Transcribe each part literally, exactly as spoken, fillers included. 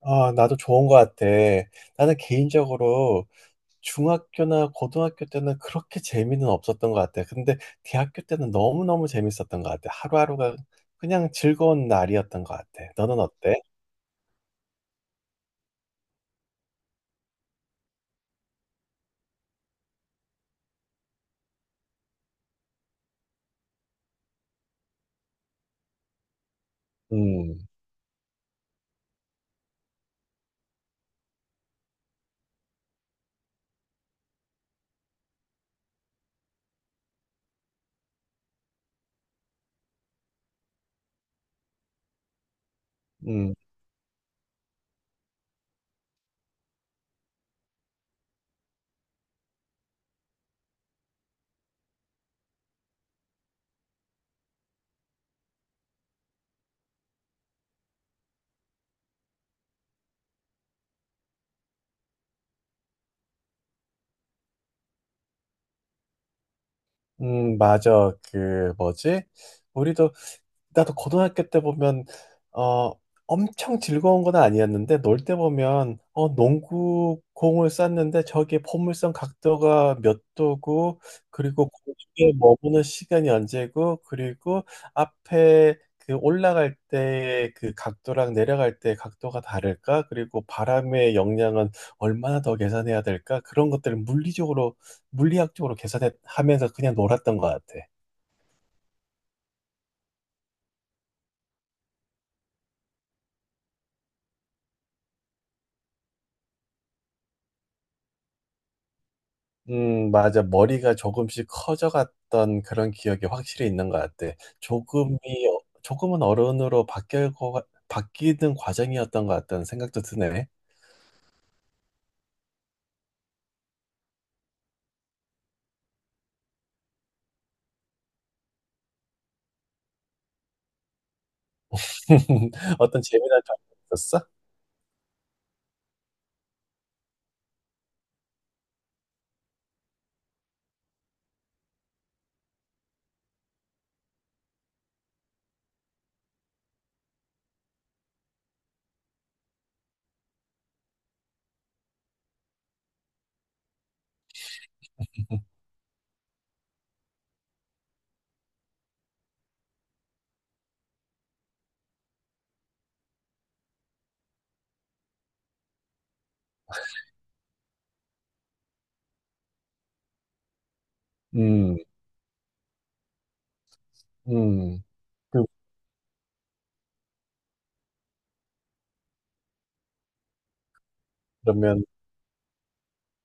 아, 나도 좋은 것 같아. 나는 개인적으로 중학교나 고등학교 때는 그렇게 재미는 없었던 것 같아. 근데 대학교 때는 너무너무 재밌었던 것 같아. 하루하루가 그냥 즐거운 날이었던 것 같아. 너는 어때? 음, 음, 음, 맞아. 그, 뭐지? 우리도 나도 고등학교 때 보면, 어, 엄청 즐거운 건 아니었는데, 놀 때 보면, 어, 농구 공을 쐈는데, 저게 포물선 각도가 몇 도고, 그리고 공중에 머무는 시간이 언제고, 그리고 앞에 그 올라갈 때 그 각도랑 내려갈 때 각도가 다를까? 그리고 바람의 영향은 얼마나 더 계산해야 될까? 그런 것들을 물리적으로, 물리학적으로 계산하면서 그냥 놀았던 것 같아. 음, 맞아. 머리가 조금씩 커져갔던 그런 기억이 확실히 있는 것 같아. 조금이, 어, 조금은 어른으로 바뀔 거, 같- 바뀌는 과정이었던 것 같다는 생각도 드네. 어떤 재미난 점이 있었어? 음, 음. 그, 그러면,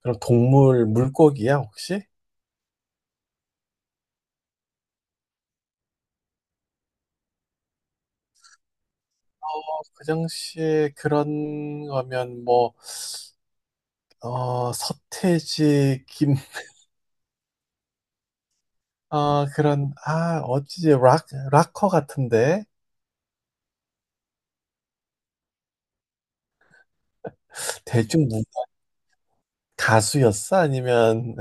그럼 동물, 물고기야, 혹시? 어, 그 당시에 그런 거면 뭐, 어, 서태지, 김, 아, 그런, 아, 어찌지, 락, 락커 같은데? 대충 뭐 가수였어? 아니면,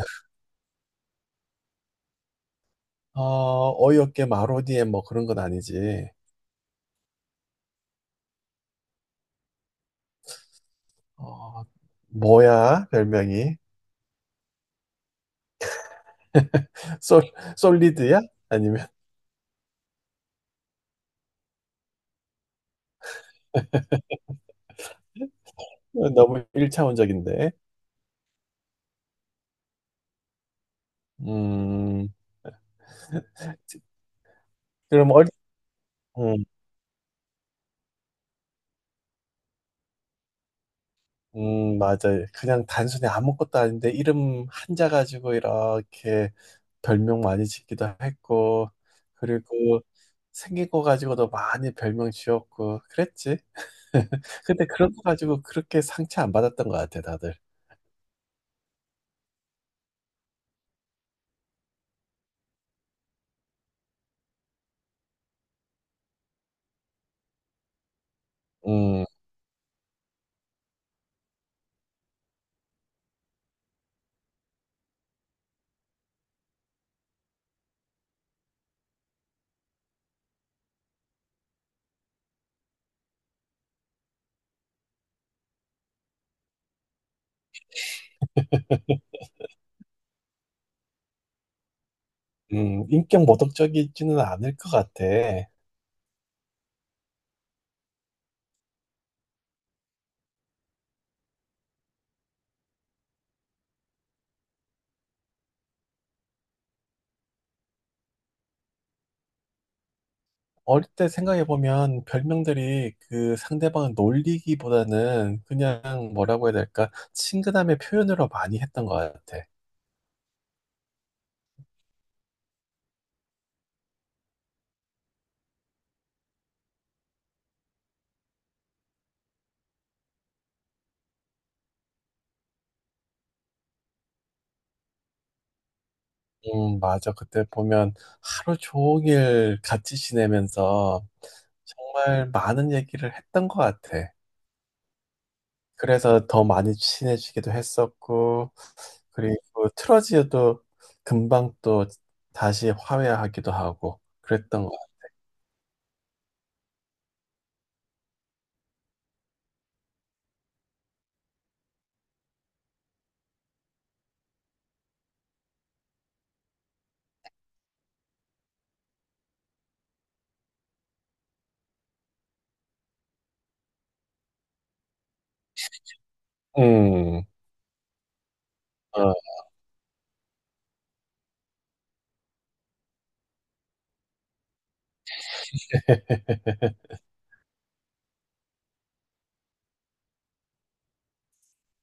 어, 어이없게 마로디엠 뭐 그런 건 아니지. 어, 뭐야, 별명이? 솔, 솔리드야? 아니면, 너무 일차원적인데. 음, 그럼 어 음, 맞아요. 그냥 단순히 아무것도 아닌데 이름 한자 가지고 이렇게 별명 많이 짓기도 했고, 그리고 생긴 거 가지고도 많이 별명 지었고, 그랬지. 근데 그런 거 가지고 그렇게 상처 안 받았던 것 같아, 다들. 음, 음, 인격 모독적이지는 않을 것 같아. 어릴 때 생각해보면 별명들이 그 상대방을 놀리기보다는 그냥 뭐라고 해야 될까, 친근함의 표현으로 많이 했던 것 같아. 음, 맞아. 그때 보면 하루 종일 같이 지내면서 정말 많은 얘기를 했던 것 같아. 그래서 더 많이 친해지기도 했었고, 그리고 틀어지어도 금방 또 다시 화해하기도 하고 그랬던 것 같아. 음, 어,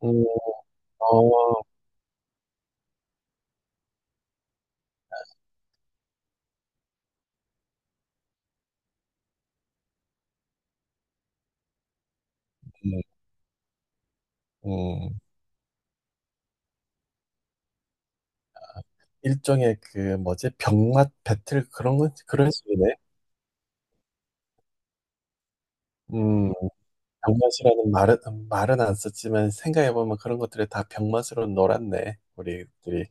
음, 어, 음, 음. 일종의 그 뭐지? 병맛 배틀 그런 건 그런 식이네. 음. 병맛이라는 말은 말은 안 썼지만 생각해 보면 그런 것들이 다 병맛으로 놀았네. 우리들이.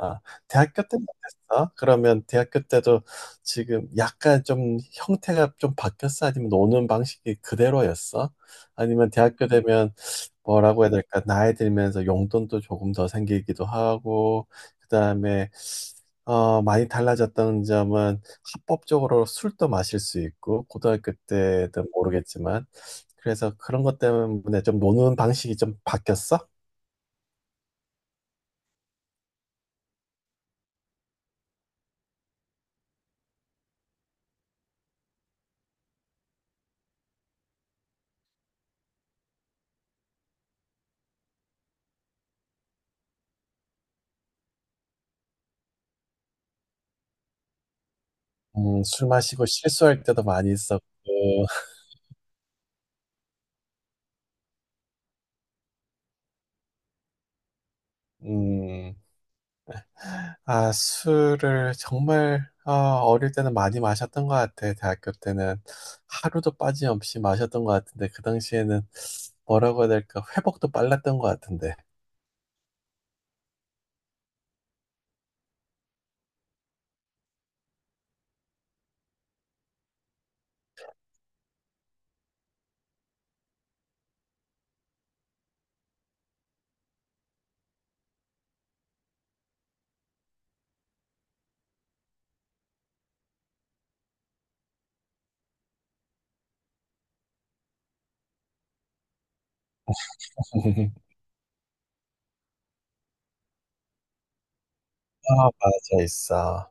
아, 대학교 때는 어땠어? 그러면 대학교 때도 지금 약간 좀 형태가 좀 바뀌었어? 아니면 노는 방식이 그대로였어? 아니면 대학교 되면 뭐라고 해야 될까? 나이 들면서 용돈도 조금 더 생기기도 하고, 그다음에 어, 많이 달라졌다는 점은 합법적으로 술도 마실 수 있고, 고등학교 때든 모르겠지만, 그래서 그런 것 때문에 좀 노는 방식이 좀 바뀌었어? 음, 술 마시고 실수할 때도 많이 있었고, 음, 아, 술을 정말 어, 어릴 때는 많이 마셨던 것 같아. 대학교 때는 하루도 빠짐없이 마셨던 것 같은데 그 당시에는 뭐라고 해야 될까? 회복도 빨랐던 것 같은데. 아, 맞아 있어.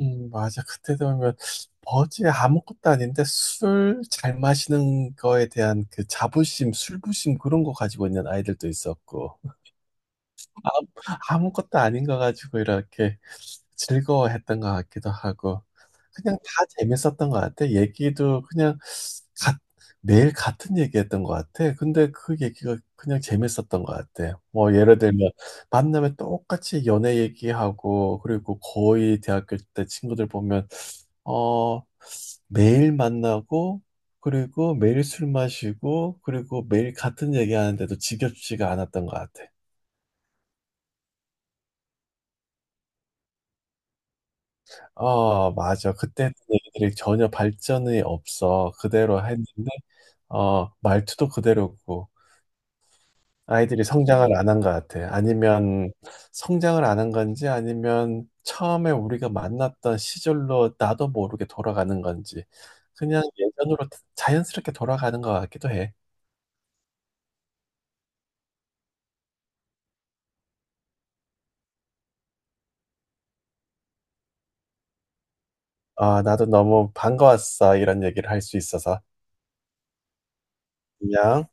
음, 맞아. 그때 되면 뭐지? 아무것도 아닌데 술 잘 마시는 거에 대한 그 자부심, 술부심 그런 거 가지고 있는 아이들도 있었고. 아무것도 아닌 거 가지고 이렇게 즐거워했던 것 같기도 하고 그냥 다 재밌었던 것 같아. 얘기도 그냥 가- 매일 같은 얘기했던 것 같아. 근데 그 얘기가 그냥 재밌었던 것 같아. 뭐 예를 들면 만나면 똑같이 연애 얘기하고 그리고 거의 대학교 때 친구들 보면 어 매일 만나고 그리고 매일 술 마시고 그리고 매일 같은 얘기하는데도 지겹지가 않았던 것 같아. 어, 맞아. 그때 했던 얘기들이 전혀 발전이 없어. 그대로 했는데, 어, 말투도 그대로고, 아이들이 성장을 안 한 것 같아. 아니면 성장을 안 한 건지, 아니면 처음에 우리가 만났던 시절로 나도 모르게 돌아가는 건지, 그냥 예전으로 자연스럽게 돌아가는 것 같기도 해. 아, 나도 너무 반가웠어. 이런 얘기를 할 수 있어서. 안녕.